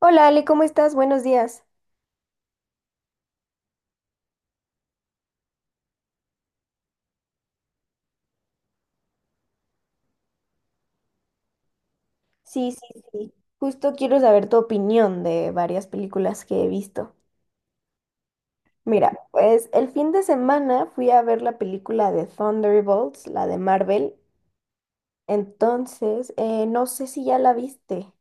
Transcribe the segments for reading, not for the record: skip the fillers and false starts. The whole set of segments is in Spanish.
Hola Ale, ¿cómo estás? Buenos días. Sí, sí, sí. Justo quiero saber tu opinión de varias películas que he visto. Mira, pues el fin de semana fui a ver la película de Thunderbolts, la de Marvel. Entonces, no sé si ya la viste.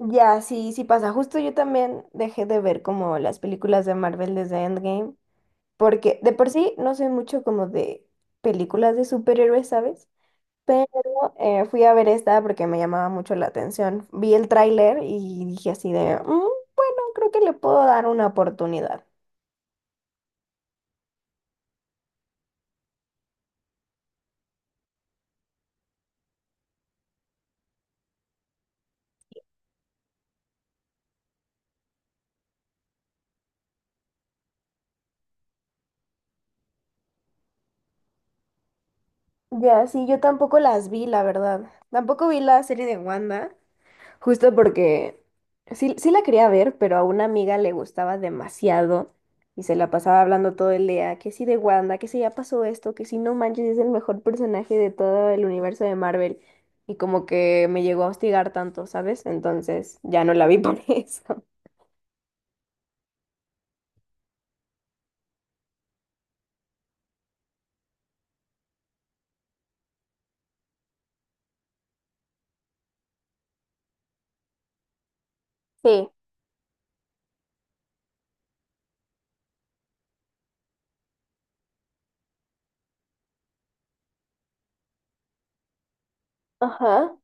Ya, sí, sí pasa. Justo yo también dejé de ver como las películas de Marvel desde Endgame, porque de por sí no soy mucho como de películas de superhéroes, ¿sabes? Pero fui a ver esta porque me llamaba mucho la atención. Vi el tráiler y dije así de, "Mm, bueno, creo que le puedo dar una oportunidad". Ya, sí, yo tampoco las vi, la verdad. Tampoco vi la serie de Wanda. Justo porque sí, la quería ver, pero a una amiga le gustaba demasiado y se la pasaba hablando todo el día, que sí de Wanda, que sí ya pasó esto, que sí no manches, es el mejor personaje de todo el universo de Marvel. Y como que me llegó a hostigar tanto, ¿sabes? Entonces ya no la vi por eso. Sí, ajá.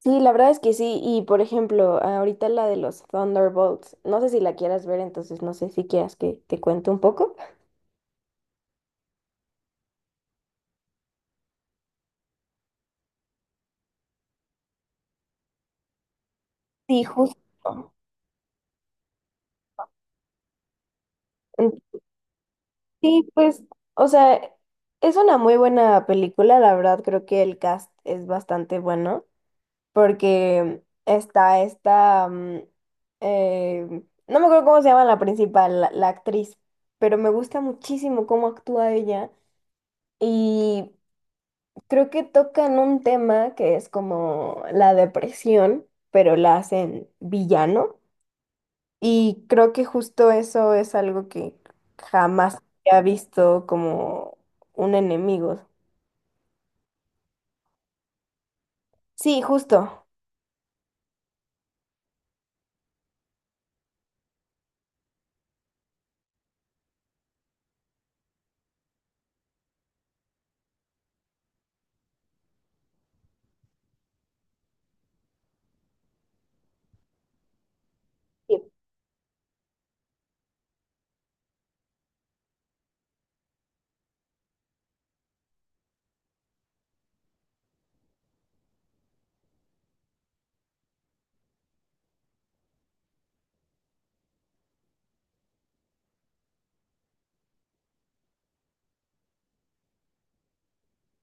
Sí, la verdad es que sí. Y por ejemplo, ahorita la de los Thunderbolts, no sé si la quieras ver, entonces no sé si quieras que te cuente un poco. Sí, justo. Sí, pues, o sea, es una muy buena película, la verdad, creo que el cast es bastante bueno, porque está eh, no me acuerdo cómo se llama la principal, la actriz, pero me gusta muchísimo cómo actúa ella y creo que tocan un tema que es como la depresión, pero la hacen villano. Y creo que justo eso es algo que jamás había visto como un enemigo. Sí, justo. Sí.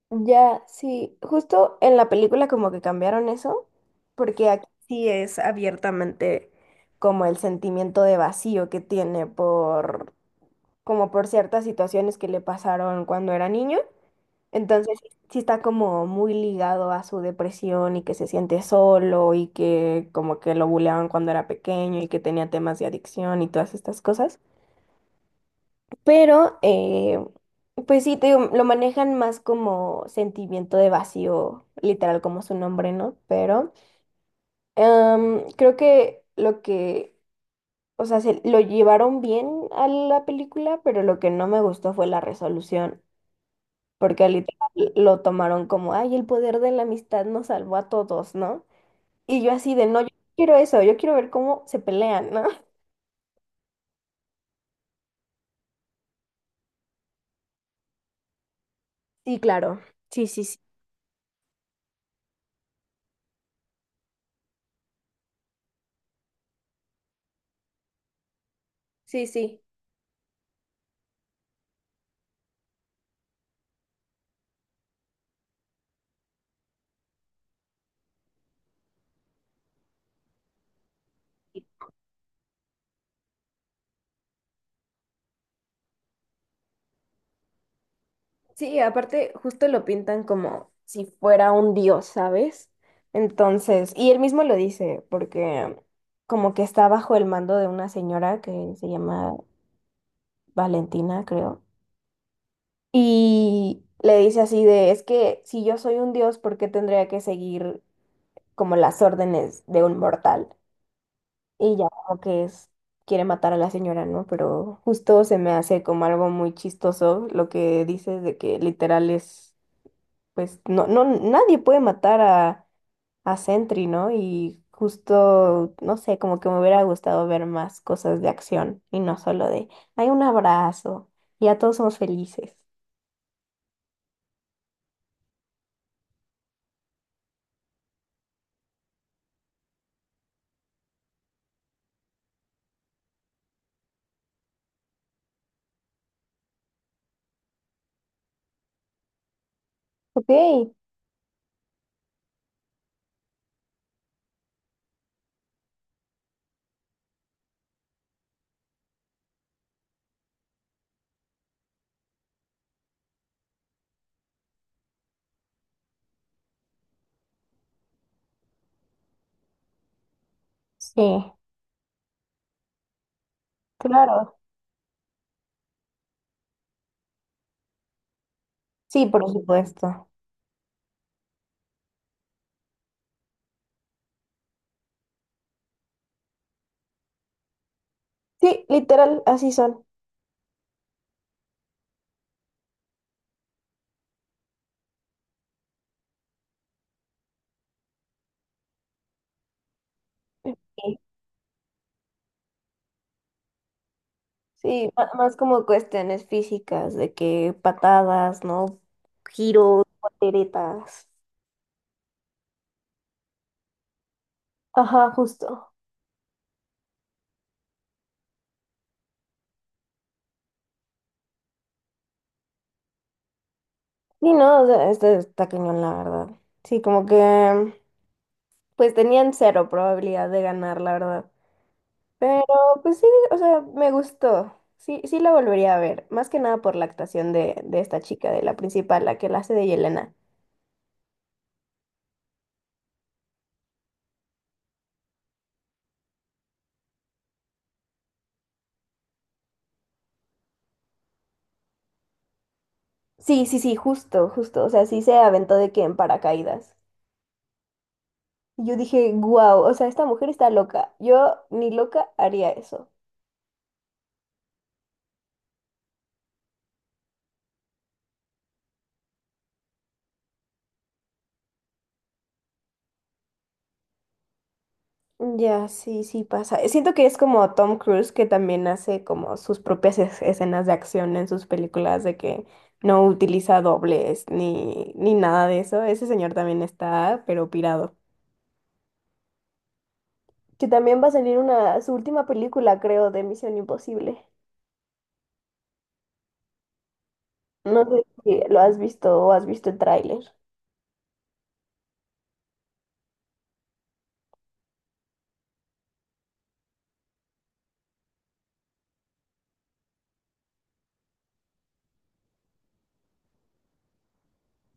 Ya, sí, justo en la película como que cambiaron eso, porque aquí sí es abiertamente como el sentimiento de vacío que tiene por, como por ciertas situaciones que le pasaron cuando era niño. Entonces, sí, está como muy ligado a su depresión y que se siente solo y que como que lo buleaban cuando era pequeño y que tenía temas de adicción y todas estas cosas. Pero, pues sí, te digo, lo manejan más como sentimiento de vacío, literal como su nombre, ¿no? Pero creo que o sea, se lo llevaron bien a la película, pero lo que no me gustó fue la resolución. Porque literal lo tomaron como, ay, el poder de la amistad nos salvó a todos, ¿no? Y yo así de, no, yo no quiero eso, yo quiero ver cómo se pelean, ¿no? Sí, claro. Sí, sí, sí. Sí, sí. Sí, aparte justo lo pintan como si fuera un dios, ¿sabes? Entonces, y él mismo lo dice, porque como que está bajo el mando de una señora que se llama Valentina, creo. Y le dice así de, es que si yo soy un dios, ¿por qué tendría que seguir como las órdenes de un mortal? Y ya como que es, quiere matar a la señora, ¿no? Pero justo se me hace como algo muy chistoso lo que dices de que literal es, pues, no, nadie puede matar a Sentry, ¿no? Y justo, no sé, como que me hubiera gustado ver más cosas de acción y no solo de, hay un abrazo y ya todos somos felices. Ok, sí, claro. Sí, por supuesto. Sí, literal, así son. Sí, más como cuestiones físicas, de que patadas, ¿no? Giros, volteretas. Ajá, justo. Sí, no, o sea, este está cañón, la verdad. Sí, como que pues tenían cero probabilidad de ganar, la verdad. Pero pues sí, o sea, me gustó. Sí, sí la volvería a ver, más que nada por la actuación de esta chica, de la principal, la que la hace de Yelena. Sí, sí, sí, justo, justo. O sea, sí se aventó de que en paracaídas. Y yo dije, wow, o sea, esta mujer está loca. Yo ni loca haría eso. Ya, sí, sí pasa. Siento que es como Tom Cruise que también hace como sus propias escenas de acción en sus películas de que no utiliza dobles ni, ni nada de eso. Ese señor también está, pero pirado. Que también va a salir una, su última película, creo, de Misión Imposible. No sé si lo has visto o has visto el tráiler.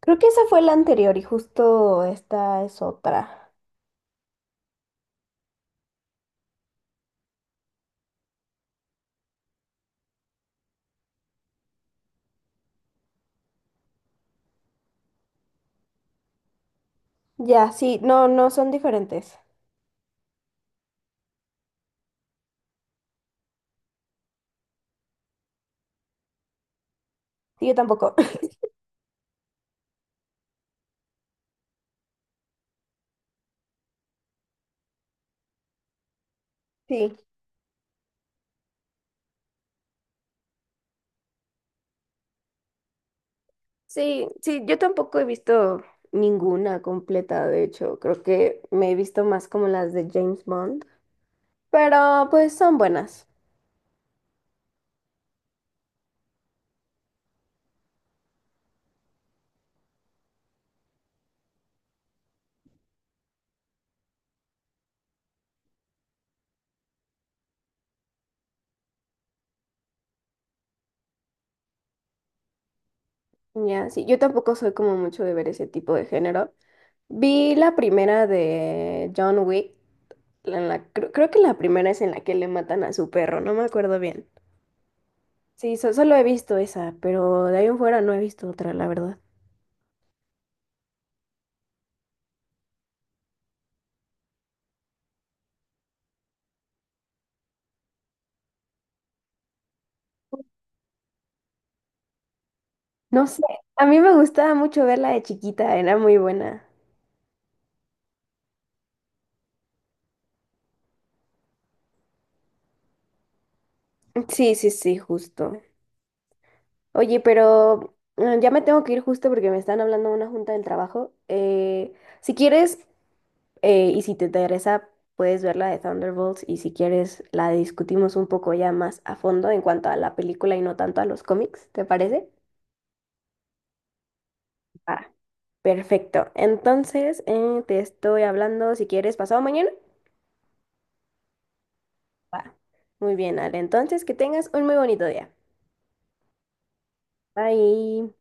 Creo que esa fue la anterior y justo esta es otra. Ya, sí, no, no son diferentes. Sí, yo tampoco. Sí, sí, sí, yo tampoco he visto ninguna completa, de hecho, creo que me he visto más como las de James Bond, pero pues son buenas. Ya, sí, yo tampoco soy como mucho de ver ese tipo de género. Vi la primera de John Wick, creo que la primera es en la que le matan a su perro, no me acuerdo bien. Sí, solo he visto esa, pero de ahí en fuera no he visto otra, la verdad. No sé, a mí me gustaba mucho verla de chiquita, era muy buena. Sí, sí, sí, justo. Oye, pero ya me tengo que ir justo porque me están hablando de una junta del trabajo. Si quieres, y si te interesa, puedes ver la de Thunderbolts y si quieres, la discutimos un poco ya más a fondo en cuanto a la película y no tanto a los cómics, ¿te parece? Ah, perfecto. Entonces, te estoy hablando, si quieres, pasado mañana. Va. Muy bien, Ale. Entonces, que tengas un muy bonito día. Bye.